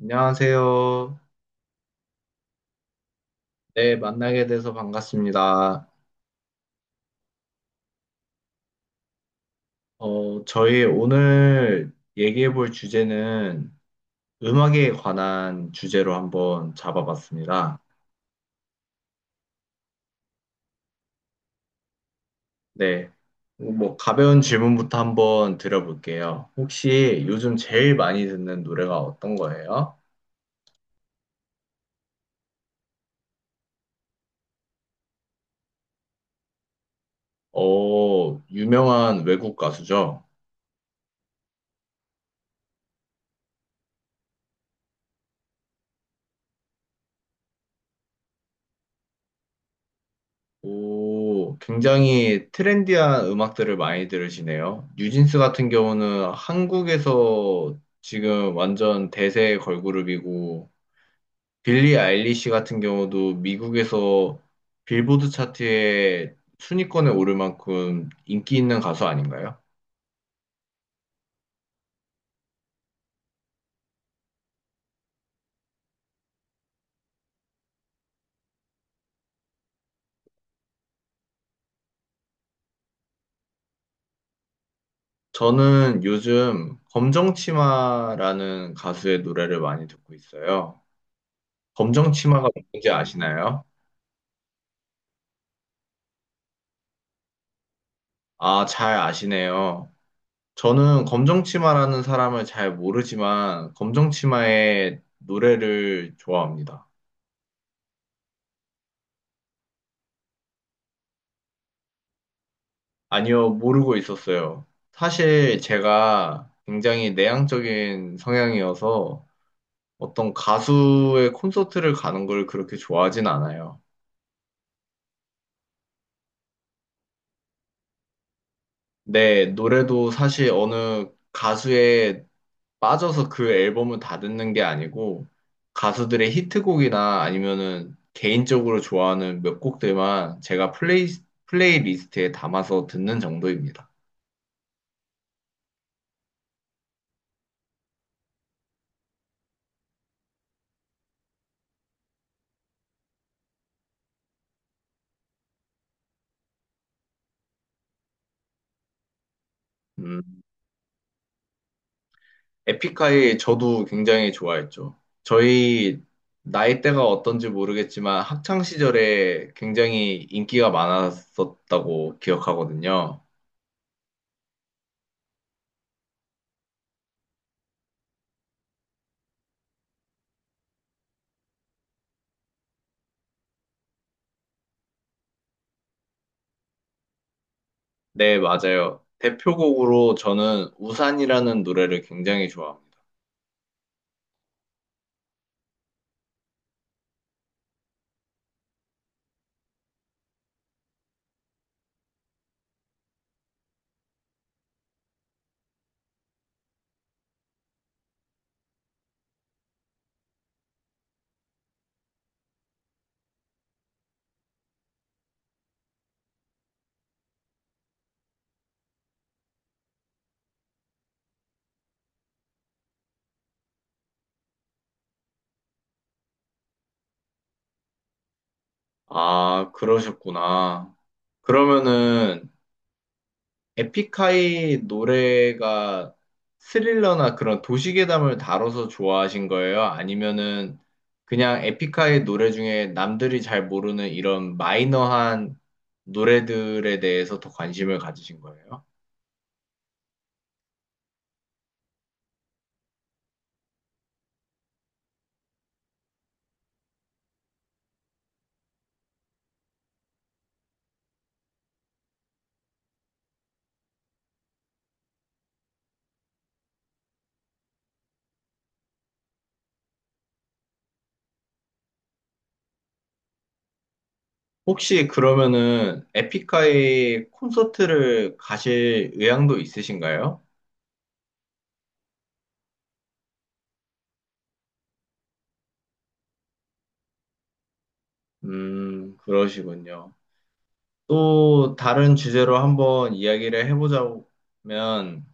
안녕하세요. 네, 만나게 돼서 반갑습니다. 저희 오늘 얘기해 볼 주제는 음악에 관한 주제로 한번 잡아봤습니다. 네, 뭐 가벼운 질문부터 한번 드려볼게요. 혹시 요즘 제일 많이 듣는 노래가 어떤 거예요? 어, 유명한 외국 가수죠? 오, 굉장히 트렌디한 음악들을 많이 들으시네요. 뉴진스 같은 경우는 한국에서 지금 완전 대세 걸그룹이고, 빌리 아일리시 같은 경우도 미국에서 빌보드 차트에 순위권에 오를 만큼 인기 있는 가수 아닌가요? 저는 요즘 검정치마라는 가수의 노래를 많이 듣고 있어요. 검정치마가 뭔지 아시나요? 아, 잘 아시네요. 저는 검정치마라는 사람을 잘 모르지만 검정치마의 노래를 좋아합니다. 아니요, 모르고 있었어요. 사실 제가 굉장히 내향적인 성향이어서 어떤 가수의 콘서트를 가는 걸 그렇게 좋아하진 않아요. 네, 노래도 사실 어느 가수의 빠져서 그 앨범은 다 듣는 게 아니고 가수들의 히트곡이나 아니면은 개인적으로 좋아하는 몇 곡들만 제가 플레이리스트에 담아서 듣는 정도입니다. 음, 에픽하이 저도 굉장히 좋아했죠. 저희 나이대가 어떤지 모르겠지만 학창 시절에 굉장히 인기가 많았었다고 기억하거든요. 네, 맞아요. 대표곡으로 저는 우산이라는 노래를 굉장히 좋아합니다. 아, 그러셨구나. 그러면은 에픽하이 노래가 스릴러나 그런 도시괴담을 다뤄서 좋아하신 거예요? 아니면은 그냥 에픽하이 노래 중에 남들이 잘 모르는 이런 마이너한 노래들에 대해서 더 관심을 가지신 거예요? 혹시 그러면은 에픽하이 콘서트를 가실 의향도 있으신가요? 그러시군요. 또 다른 주제로 한번 이야기를 해보자면,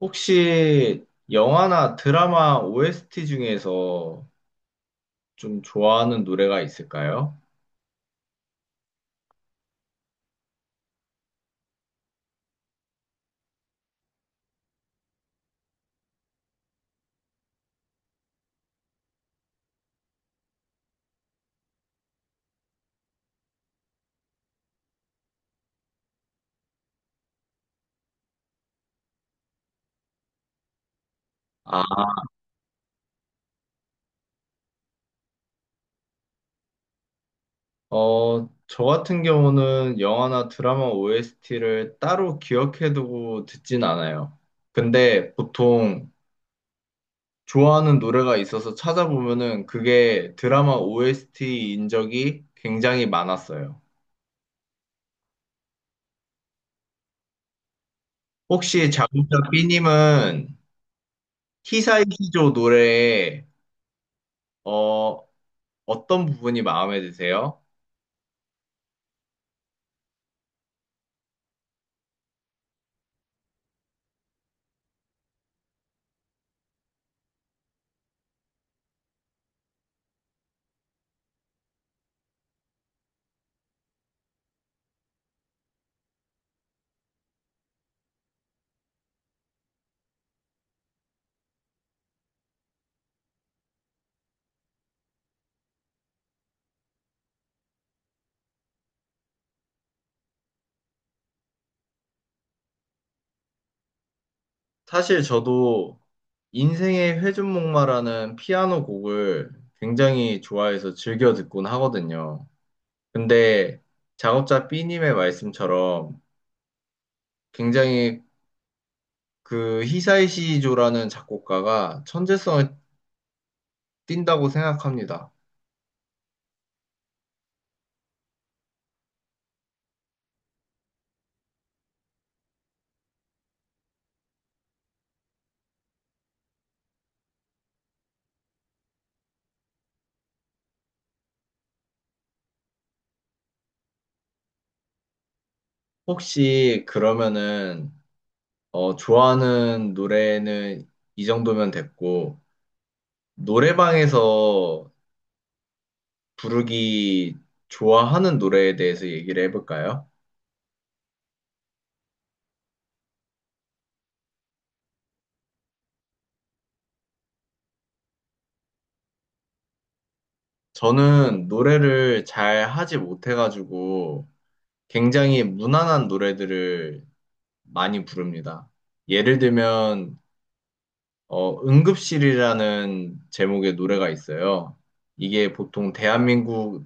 혹시 영화나 드라마 OST 중에서 좀 좋아하는 노래가 있을까요? 아, 저 같은 경우는 영화나 드라마 OST를 따로 기억해두고 듣진 않아요. 근데 보통 좋아하는 노래가 있어서 찾아보면은 그게 드라마 OST인 적이 굉장히 많았어요. 혹시 작곡자 B님은 히사이시조 노래의 어, 어떤 부분이 마음에 드세요? 사실 저도 인생의 회전목마라는 피아노 곡을 굉장히 좋아해서 즐겨 듣곤 하거든요. 근데 작업자 B님의 말씀처럼 굉장히 그 히사이시조라는 작곡가가 천재성을 띈다고 생각합니다. 혹시 그러면은 좋아하는 노래는 이 정도면 됐고 노래방에서 부르기 좋아하는 노래에 대해서 얘기를 해볼까요? 저는 노래를 잘 하지 못해가지고 굉장히 무난한 노래들을 많이 부릅니다. 예를 들면, 응급실이라는 제목의 노래가 있어요. 이게 보통 대한민국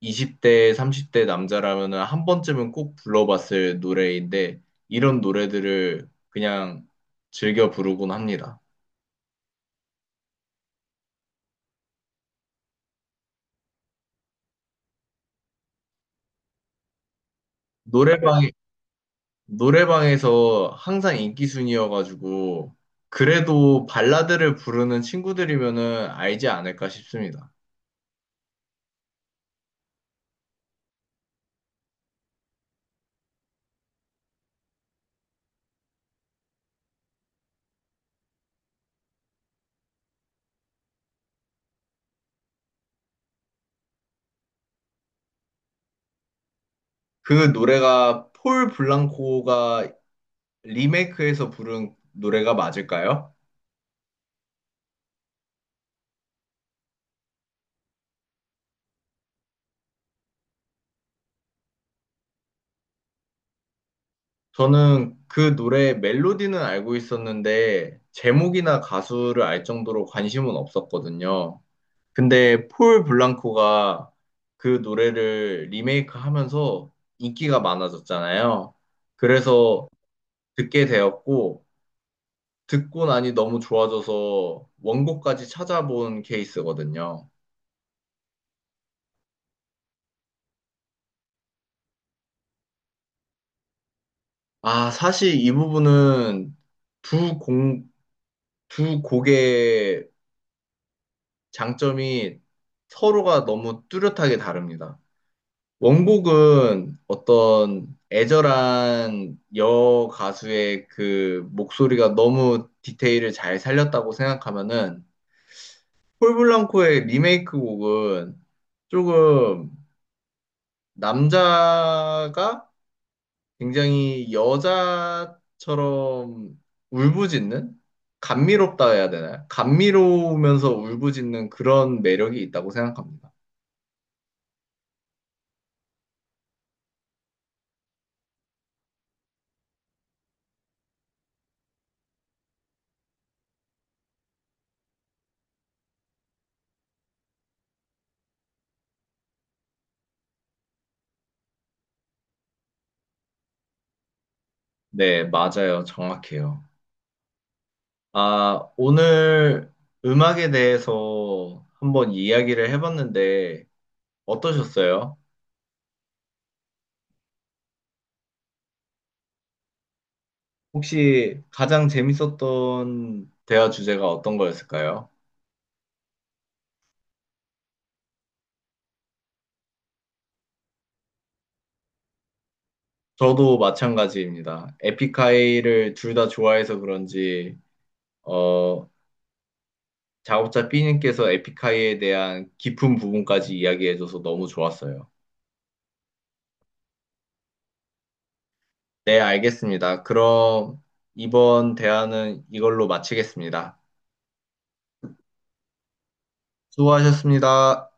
20대, 30대 남자라면 한 번쯤은 꼭 불러봤을 노래인데, 이런 노래들을 그냥 즐겨 부르곤 합니다. 노래방, 노래방에서 항상 인기 순이어가지고 그래도 발라드를 부르는 친구들이면은 알지 않을까 싶습니다. 그 노래가 폴 블랑코가 리메이크해서 부른 노래가 맞을까요? 저는 그 노래 멜로디는 알고 있었는데 제목이나 가수를 알 정도로 관심은 없었거든요. 근데 폴 블랑코가 그 노래를 리메이크하면서 인기가 많아졌잖아요. 그래서 듣게 되었고, 듣고 나니 너무 좋아져서 원곡까지 찾아본 케이스거든요. 아, 사실 이 부분은 두 공, 두 곡의 장점이 서로가 너무 뚜렷하게 다릅니다. 원곡은 어떤 애절한 여 가수의 그 목소리가 너무 디테일을 잘 살렸다고 생각하면은 폴 블랑코의 리메이크 곡은 조금 남자가 굉장히 여자처럼 울부짖는? 감미롭다 해야 되나요? 감미로우면서 울부짖는 그런 매력이 있다고 생각합니다. 네, 맞아요. 정확해요. 아, 오늘 음악에 대해서 한번 이야기를 해봤는데 어떠셨어요? 혹시 가장 재밌었던 대화 주제가 어떤 거였을까요? 저도 마찬가지입니다. 에픽하이를 둘 다 좋아해서 그런지 어, 작업자 B님께서 에픽하이에 대한 깊은 부분까지 이야기해줘서 너무 좋았어요. 네, 알겠습니다. 그럼 이번 대화는 이걸로 마치겠습니다. 수고하셨습니다.